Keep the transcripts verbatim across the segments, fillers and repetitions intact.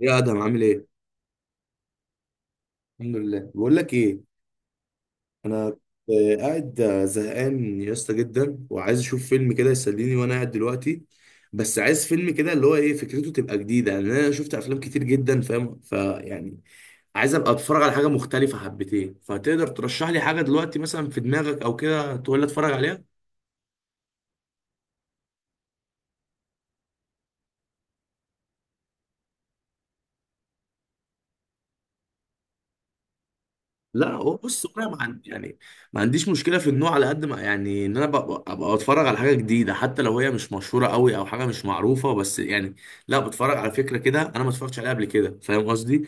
يا ادهم عامل ايه؟ الحمد لله. بقول لك ايه، انا آه، قاعد، آه، زهقان يا اسطى جدا وعايز اشوف فيلم كده يسليني وانا قاعد دلوقتي. بس عايز فيلم كده اللي هو ايه، فكرته تبقى جديده لان انا شفت افلام كتير جدا، فاهم؟ فيعني عايز ابقى اتفرج على حاجه مختلفه حبتين، فتقدر ترشح لي حاجه دلوقتي مثلا في دماغك او كده تقول لي اتفرج عليها. لا هو بص، انا ما عن- يعني ما عنديش مشكله في النوع على قد ما، يعني ان انا ببقى أبقى بتفرج على حاجه جديده حتى لو هي مش مشهوره قوي او حاجه مش معروفه، بس يعني لا، بتفرج على فكره كده انا ما اتفرجتش عليها قبل كده، فاهم قصدي؟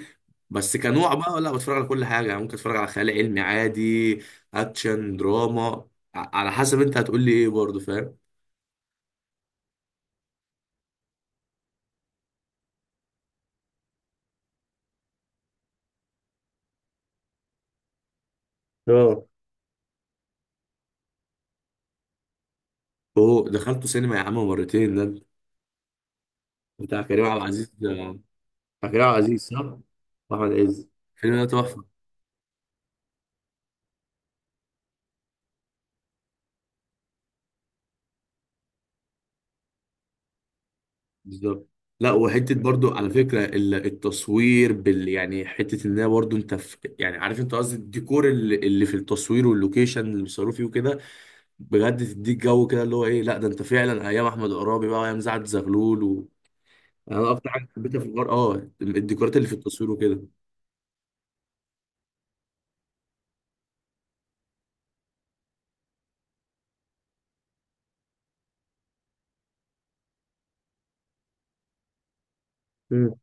بس كنوع بقى لا، بتفرج على كل حاجه، يعني ممكن اتفرج على خيال علمي عادي، اكشن، دراما. ع- على حسب انت هتقول لي ايه برضه، فاهم؟ اه. اوه، دخلته سينما يا عم مرتين ده، بتاع كريم عبد العزيز، بتاع كريم عبد العزيز صح؟ احمد عز. الفيلم ده تحفه. بالظبط. لا، وحته برضو على فكره ال- التصوير بال، يعني حته ان هي برضو انت في، يعني عارف انت قصدي، الديكور اللي اللي في التصوير واللوكيشن اللي بيصوروا فيه وكده، بجد تديك جو كده اللي هو ايه. لا ده انت فعلا ايام احمد قرابي بقى وايام سعد زغلول و... يعني انا اكتر حاجه حبيتها في الغر اه الديكورات اللي في التصوير وكده. مم.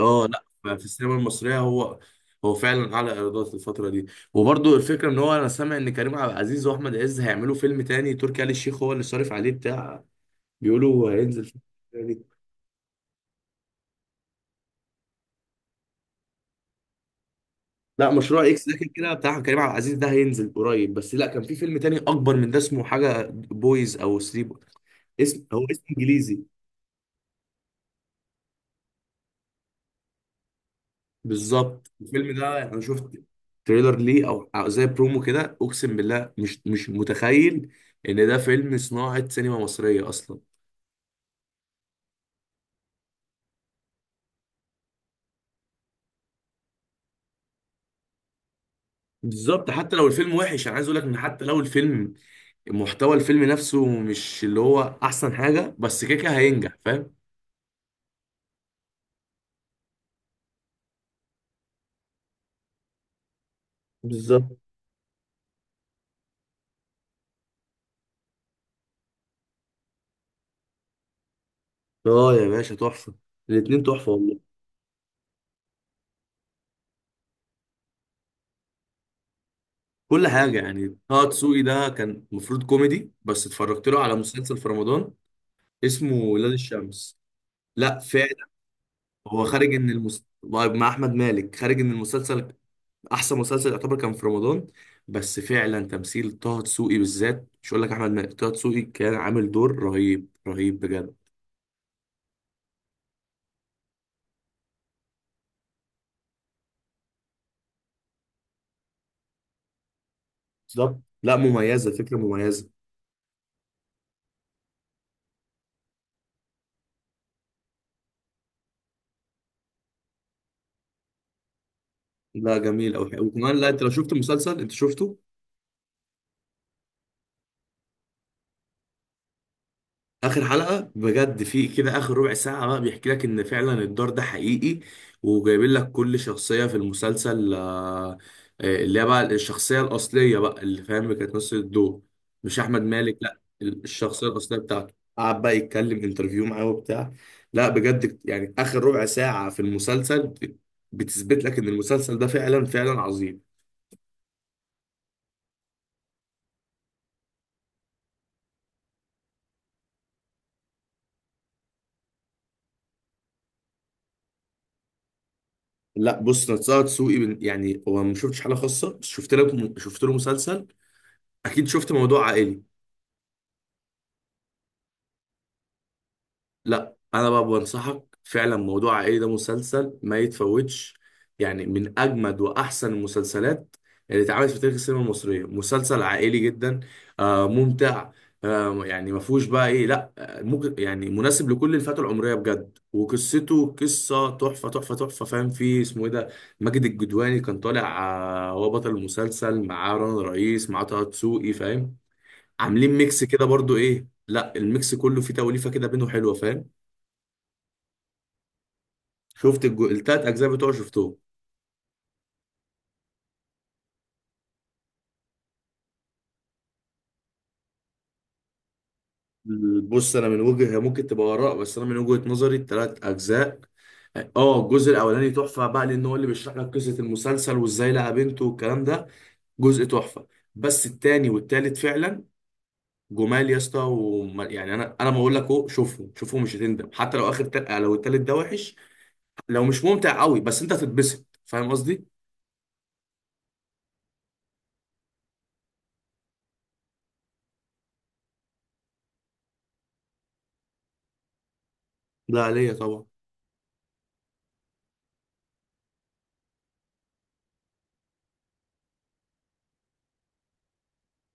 اه لا، في السينما المصريه هو، هو فعلا اعلى ايرادات الفتره دي. وبرضو الفكره ان هو انا سامع ان كريم عبد العزيز واحمد عز هيعملوا فيلم تاني، تركي آل الشيخ هو اللي صارف عليه بتاع، بيقولوا هينزل فيلم تاني. لا، مشروع اكس ده كان كده بتاع كريم عبد العزيز، ده هينزل قريب، بس لا كان في فيلم تاني اكبر من ده اسمه حاجه بويز او ثري، اسم، هو اسم انجليزي. بالظبط، الفيلم ده انا شفت تريلر ليه او زي برومو كده، اقسم بالله مش مش متخيل ان ده فيلم صناعه سينما مصريه اصلا. بالظبط، حتى لو الفيلم وحش انا عايز اقول لك ان حتى لو الفيلم، محتوى الفيلم نفسه مش اللي هو احسن حاجه، بس كده كده هينجح، فاهم؟ بالظبط. اه يا باشا، تحفه. الاتنين تحفه والله. كل حاجه يعني. طه دسوقي ده كان المفروض كوميدي، بس اتفرجت له على مسلسل في رمضان اسمه ولاد الشمس. لا فعلا. هو خارج ان المس... طيب، مع احمد مالك، خارج ان المسلسل احسن مسلسل يعتبر كان في رمضان. بس فعلا تمثيل طه دسوقي بالذات، مش هقول لك احمد مالك، طه دسوقي كان عامل دور رهيب رهيب بجد. بالظبط. لا مميزه، فكره مميزه. لا جميل قوي، وكمان لا انت لو شفت المسلسل، انت شفته؟ اخر حلقه بجد في كده اخر ربع ساعه بقى بيحكي لك ان فعلا الدار ده حقيقي، وجايبين لك كل شخصيه في المسلسل آه، آه، اللي هي بقى الشخصيه الاصليه بقى اللي فاهم، اللي كانت نص الدور مش احمد مالك، لا ال- الشخصيه الاصليه بتاعته قعد بقى يتكلم انترفيو معاه وبتاع. لا بجد يعني اخر ربع ساعه في المسلسل بت- بتثبت لك ان المسلسل ده فعلا فعلا عظيم. لا بص، نتساءل سوقي من- يعني هو ما شفتش حلقه خاصه، بس شفت لك، شفت له مسلسل، اكيد شفت موضوع عائلي. لا انا بقى بنصحك، فعلا موضوع عائلي ده مسلسل ما يتفوتش، يعني من اجمد واحسن المسلسلات اللي اتعملت في تاريخ السينما المصريه. مسلسل عائلي جدا، آه ممتع، آه يعني ما فيهوش بقى ايه، لا آه، ممكن يعني مناسب لكل الفئات العمريه بجد، وقصته قصه تحفه تحفه تحفه، فاهم؟ فيه اسمه ايه ده، ماجد الجدواني كان طالع، آه، هو بطل المسلسل، معاه رنا رئيس، معاه طه دسوقي، فاهم؟ عاملين ميكس كده برضو ايه، لا الميكس كله فيه توليفه كده بينه حلوه، فاهم؟ شفت الجو... التلات اجزاء بتوعه، شفتهم. بص، انا من وجهه، هي ممكن تبقى اراء، بس انا من وجهه نظري التلات اجزاء، اه الجزء الاولاني تحفه بقى لان هو اللي بيشرح لك قصه المسلسل وازاي لقى بنته والكلام ده، جزء تحفه. بس التاني والتالت فعلا جمال يا اسطى. وما- يعني انا انا ما اقول لك اهو شوفهم شوفهم، مش هتندم، حتى لو اخر تل... لو التالت ده وحش، لو مش ممتع قوي، بس انت هتتبسط، فاهم قصدي؟ ده عليا طبعا.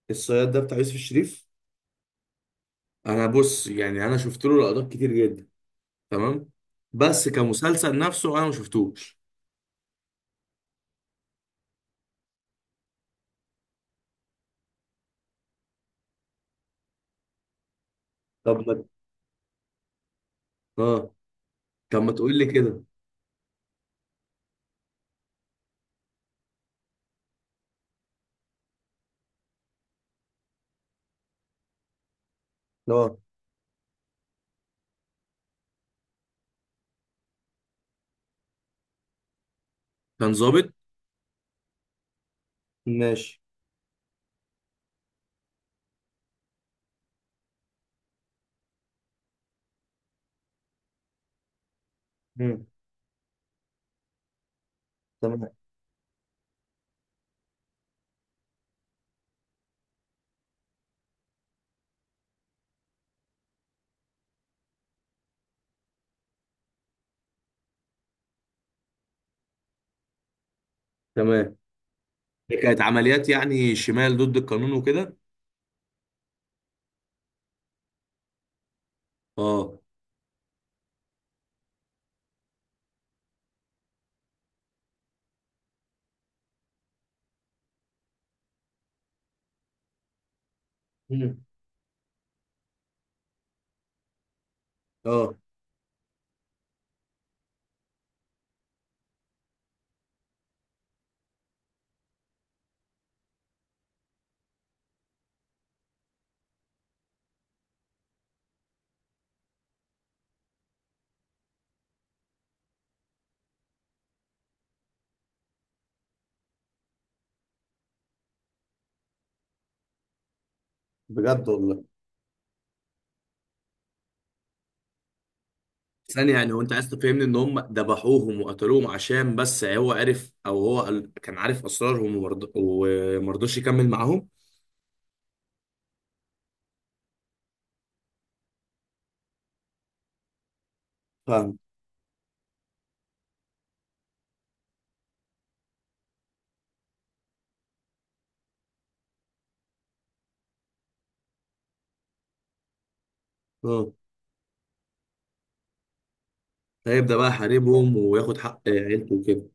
الصياد ده بتاع يوسف الشريف. انا بص يعني انا شفت له لقطات كتير جدا، تمام، بس كمسلسل نفسه انا ما شفتوش. طب ما- اه. طب ما تقول لي كده. اه. كان ظابط. ماشي. مم. تمام تمام. كانت عمليات يعني شمال ضد القانون وكده. اه. مم. اه. بجد والله؟ ثانية، يعني هو انت عايز تفهمني ان هم ذبحوهم وقتلوهم عشان بس هو عرف، او هو قال- كان عارف اسرارهم ومرض- ومرضاش يكمل معاهم؟ فاهم. اه. هيبدأ بقى يحاربهم وياخد حق عيلته وكده.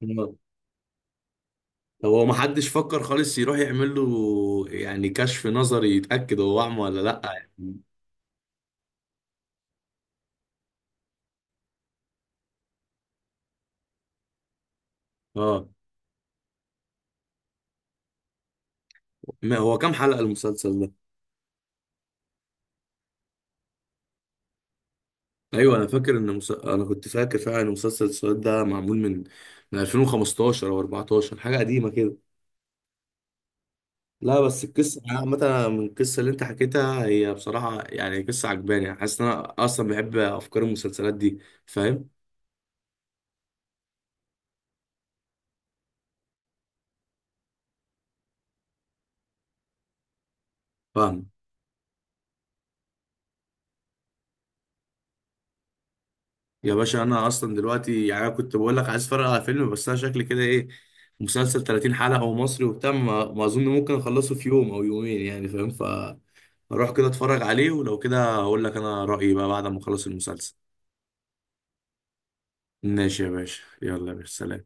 بجد؟ هو ما حدش فكر خالص يروح يعمل له يعني كشف نظري يتأكد هو أعمى ولا لأ؟ يعني. اه. ما هو كام حلقة المسلسل ده؟ ايوه انا فاكر ان مس... انا كنت فاكر فعلا ان مسلسل السؤال ده معمول من من الفين وخمستاشر او اربعتاشر، حاجة قديمة كده. لا بس القصة يعني عامة، أنا من القصة اللي انت حكيتها هي بصراحة يعني قصة عجباني، حاسس ان انا اصلا بحب افكار المسلسلات دي، فاهم؟ فاهم يا باشا. انا اصلا دلوقتي يعني انا كنت بقول لك عايز اتفرج على فيلم، بس انا شكلي كده ايه، مسلسل تلاتين حلقه ومصري وبتاع، ما, ما اظن ممكن اخلصه في يوم او يومين يعني، فاهم؟ فاروح كده اتفرج عليه، ولو كده هقول لك انا رايي بقى بعد ما اخلص المسلسل. ماشي يا باشا، يلا يا باشا سلام.